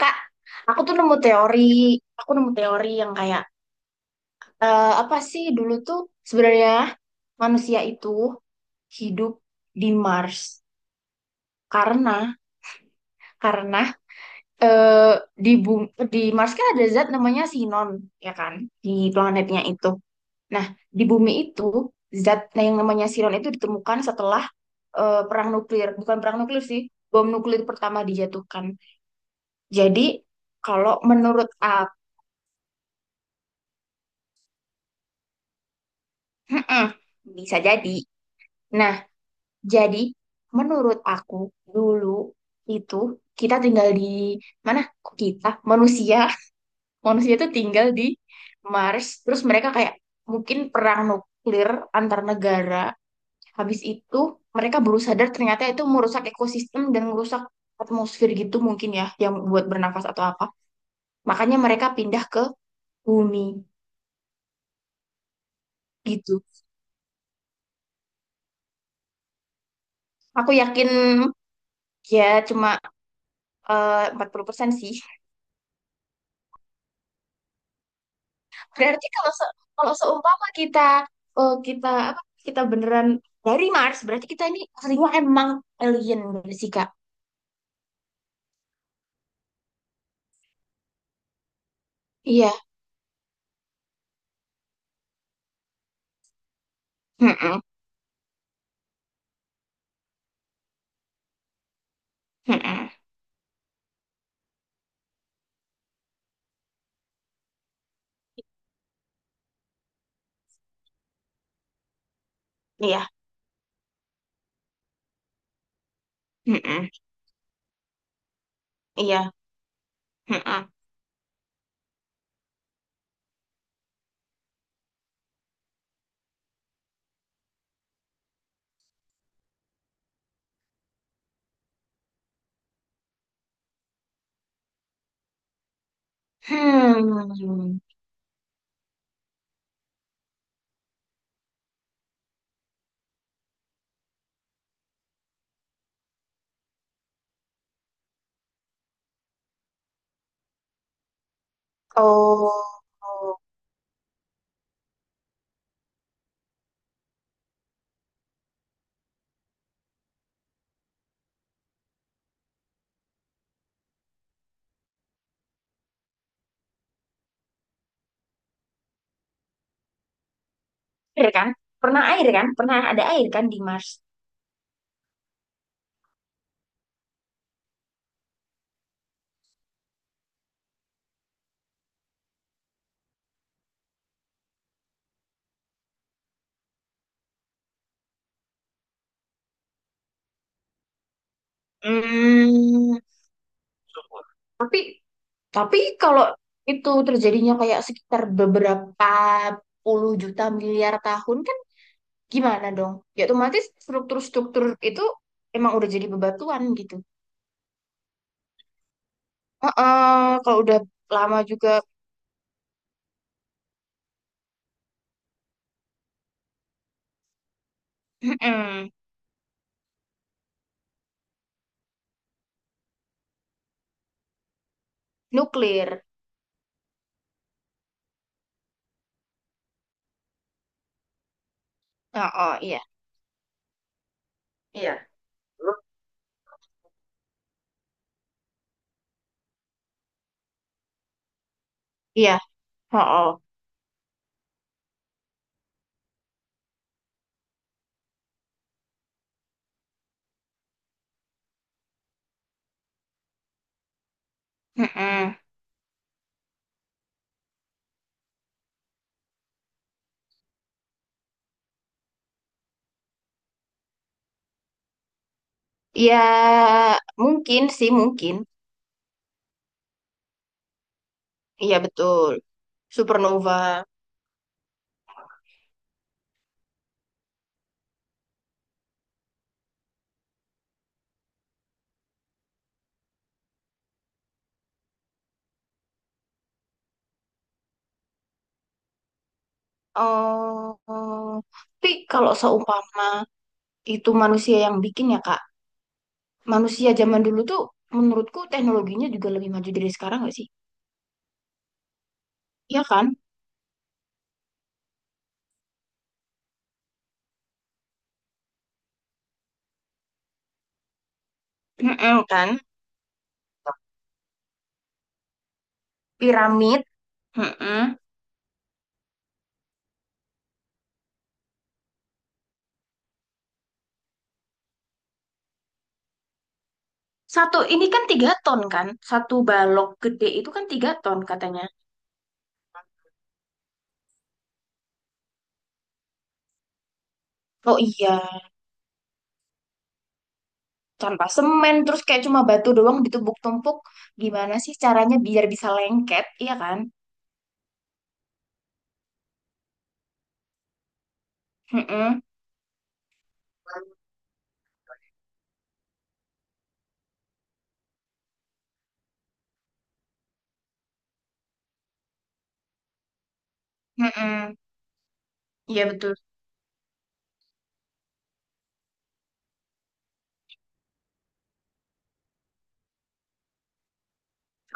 Kak, aku tuh nemu teori, aku nemu teori yang kayak apa sih dulu tuh sebenarnya manusia itu hidup di Mars, karena karena eh, di Mars kan ada zat namanya sinon, ya kan, di planetnya itu. Nah, di bumi itu zat, nah, yang namanya sinon itu ditemukan setelah perang nuklir, bukan perang nuklir sih, bom nuklir pertama dijatuhkan. Jadi kalau menurut aku, bisa jadi. Nah, jadi, menurut aku dulu itu kita tinggal di mana? Kok kita manusia, manusia itu tinggal di Mars. Terus mereka kayak mungkin perang nuklir antar negara. Habis itu mereka baru sadar ternyata itu merusak ekosistem dan merusak atmosfer, gitu mungkin ya, yang buat bernafas atau apa. Makanya mereka pindah ke bumi gitu. Aku yakin ya cuma 40% sih. Berarti kalau kalau seumpama kita, kita apa kita beneran dari Mars, berarti kita ini aslinya emang alien berarti sih, Kak. Iya. Mm-mm. Mm-mm. Iya. Mm-mm. Iya. Mm-mm. Hmm. Hmm. Oh. Air kan? Pernah air kan? Pernah ada air kan di Mars? Hmm. Tapi tapi kalau itu terjadinya kayak sekitar beberapa puluh juta miliar tahun kan. Gimana dong? Ya otomatis struktur-struktur itu emang udah jadi bebatuan gitu. Heeh, kalau udah lama juga. Heeh, nuklir. Heeh, iya. Iya. Lu. Iya, heeh. Heeh. Ya mungkin sih mungkin. Iya betul. Supernova. Oh, tapi kalau seumpama itu manusia yang bikin ya, Kak, manusia zaman dulu tuh menurutku teknologinya juga lebih maju dari sekarang, nggak sih? Iya kan? Heeh, kan? Piramid. Mm-mm. Satu ini kan 3 ton kan, satu balok gede itu kan 3 ton katanya. Oh iya, tanpa semen terus kayak cuma batu doang ditumpuk-tumpuk. Gimana sih caranya biar bisa lengket, iya kan? Mm-mm. Mm-mm. Iya betul.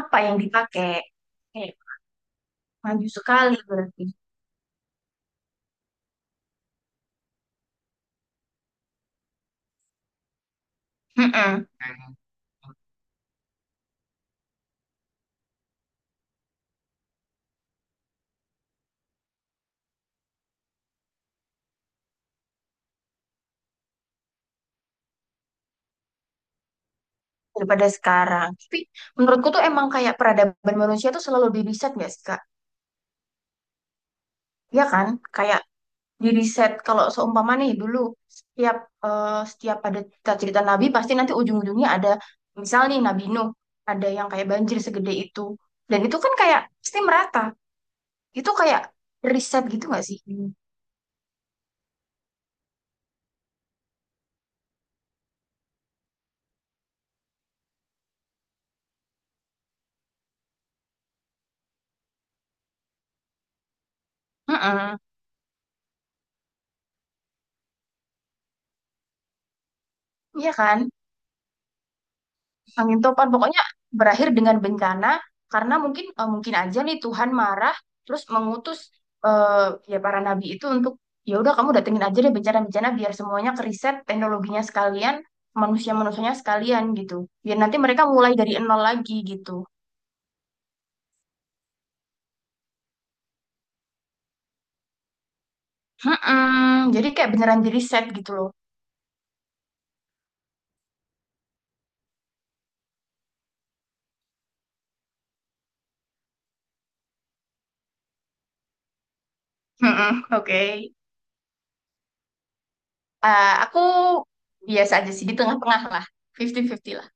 Apa yang dipakai? Kayak maju sekali berarti. Mm-mm. Daripada sekarang. Tapi menurutku tuh emang kayak peradaban manusia tuh selalu lebih riset, nggak sih, Kak? Iya kan? Kayak di riset kalau seumpama nih dulu setiap setiap ada cerita-cerita nabi pasti nanti ujung-ujungnya ada misal nih Nabi Nuh, ada yang kayak banjir segede itu, dan itu kan kayak pasti merata, itu kayak riset gitu nggak sih? Mm. Mm. Iya kan? Angin topan pokoknya berakhir dengan bencana karena mungkin, mungkin aja nih Tuhan marah terus mengutus ya para nabi itu untuk ya udah kamu datengin aja deh bencana-bencana biar semuanya keriset teknologinya sekalian, manusia-manusianya sekalian gitu, biar nanti mereka mulai dari nol lagi gitu. Mm-mm. Jadi kayak beneran di riset gitu loh. Mm-mm. Oke. Aku biasa aja sih di tengah-tengah lah, 50-50 lah.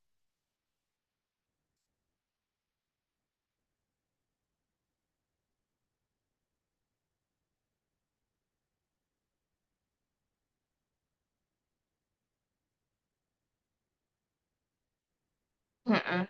Mm-mm.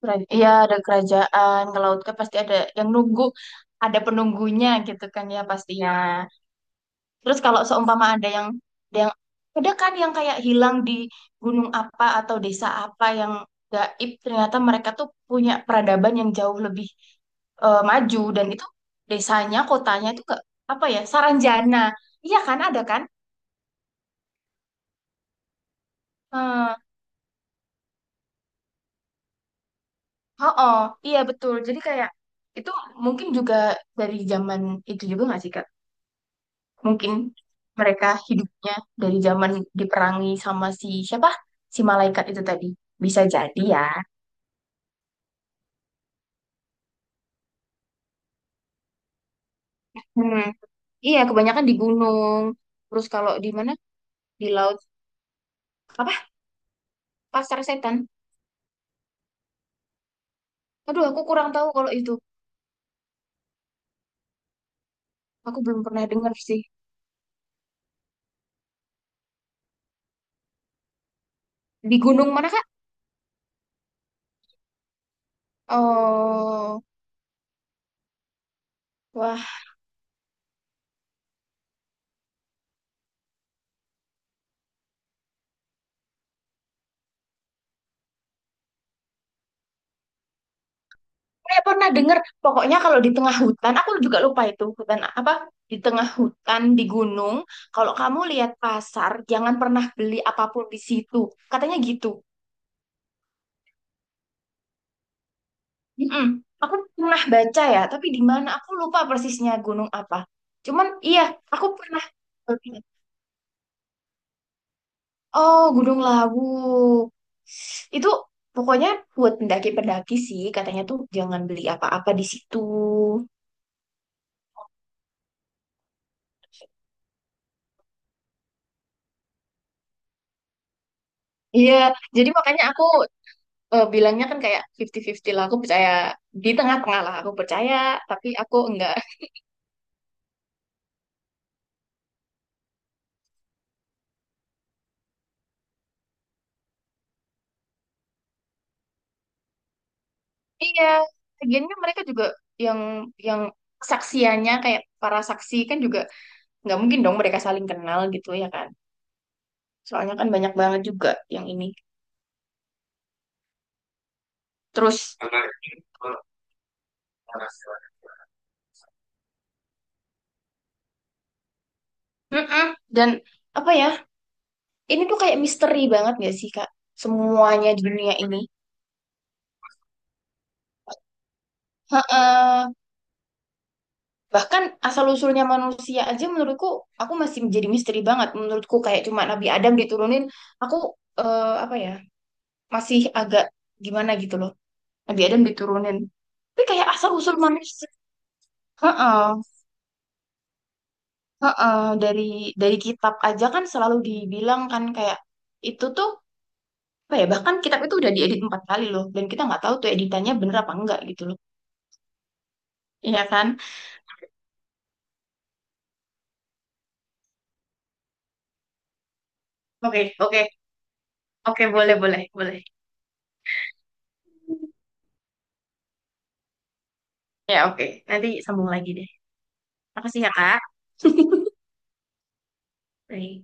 Iya ada kerajaan ke laut kan, pasti ada yang nunggu, ada penunggunya gitu kan ya pastinya. Terus kalau seumpama ada yang ada yang ada kan yang kayak hilang di gunung apa atau desa apa yang gaib, ternyata mereka tuh punya peradaban yang jauh lebih, maju, dan itu desanya, kotanya itu ke apa ya, Saranjana. Iya kan ada kan? Eh, oh, oh, iya betul. Jadi kayak itu mungkin juga dari zaman itu juga nggak sih, Kak? Mungkin mereka hidupnya dari zaman diperangi sama si siapa? Si malaikat itu tadi. Bisa jadi ya. Hmm. Iya, kebanyakan di gunung. Terus kalau di mana? Di laut. Apa? Pasar setan. Aduh, aku kurang tahu kalau itu. Aku belum pernah dengar sih. Di gunung mana, Kak? Oh, wah. Saya pernah dengar. Pokoknya kalau di tengah hutan, aku juga lupa itu. Hutan apa? Di tengah hutan, di gunung. Kalau kamu lihat pasar, jangan pernah beli apapun di situ. Katanya gitu. Mm-mm. Aku pernah baca ya, tapi di mana aku lupa persisnya gunung apa. Cuman iya, aku pernah. Oh, Gunung Lawu. Itu pokoknya buat pendaki-pendaki sih, katanya tuh jangan beli apa-apa di situ. Iya, jadi makanya aku bilangnya kan kayak fifty fifty lah, aku percaya di tengah-tengah lah, aku percaya, tapi aku enggak. Iya, lagian kan mereka juga yang yang saksiannya kayak para saksi kan juga nggak mungkin dong mereka saling kenal gitu ya kan, soalnya kan banyak banget juga yang ini. Terus mm-mm, dan apa ya, ini tuh kayak misteri banget gak sih, Kak, semuanya di dunia ini. Heeh. Bahkan asal usulnya manusia aja, menurutku aku masih menjadi misteri banget. Menurutku kayak cuma Nabi Adam diturunin, aku, apa ya, masih agak gimana gitu loh. Nabi Adam diturunin, tapi kayak asal usul manusia. Heeh. Heeh, dari kitab aja kan selalu dibilang kan kayak itu tuh apa ya, bahkan kitab itu udah diedit 4 kali loh, dan kita nggak tahu tuh editannya bener apa enggak gitu loh, iya kan. Oke, oke, oke. Boleh, boleh, boleh. Ya oke, nanti sambung lagi deh. Makasih ya, Kak. Bye.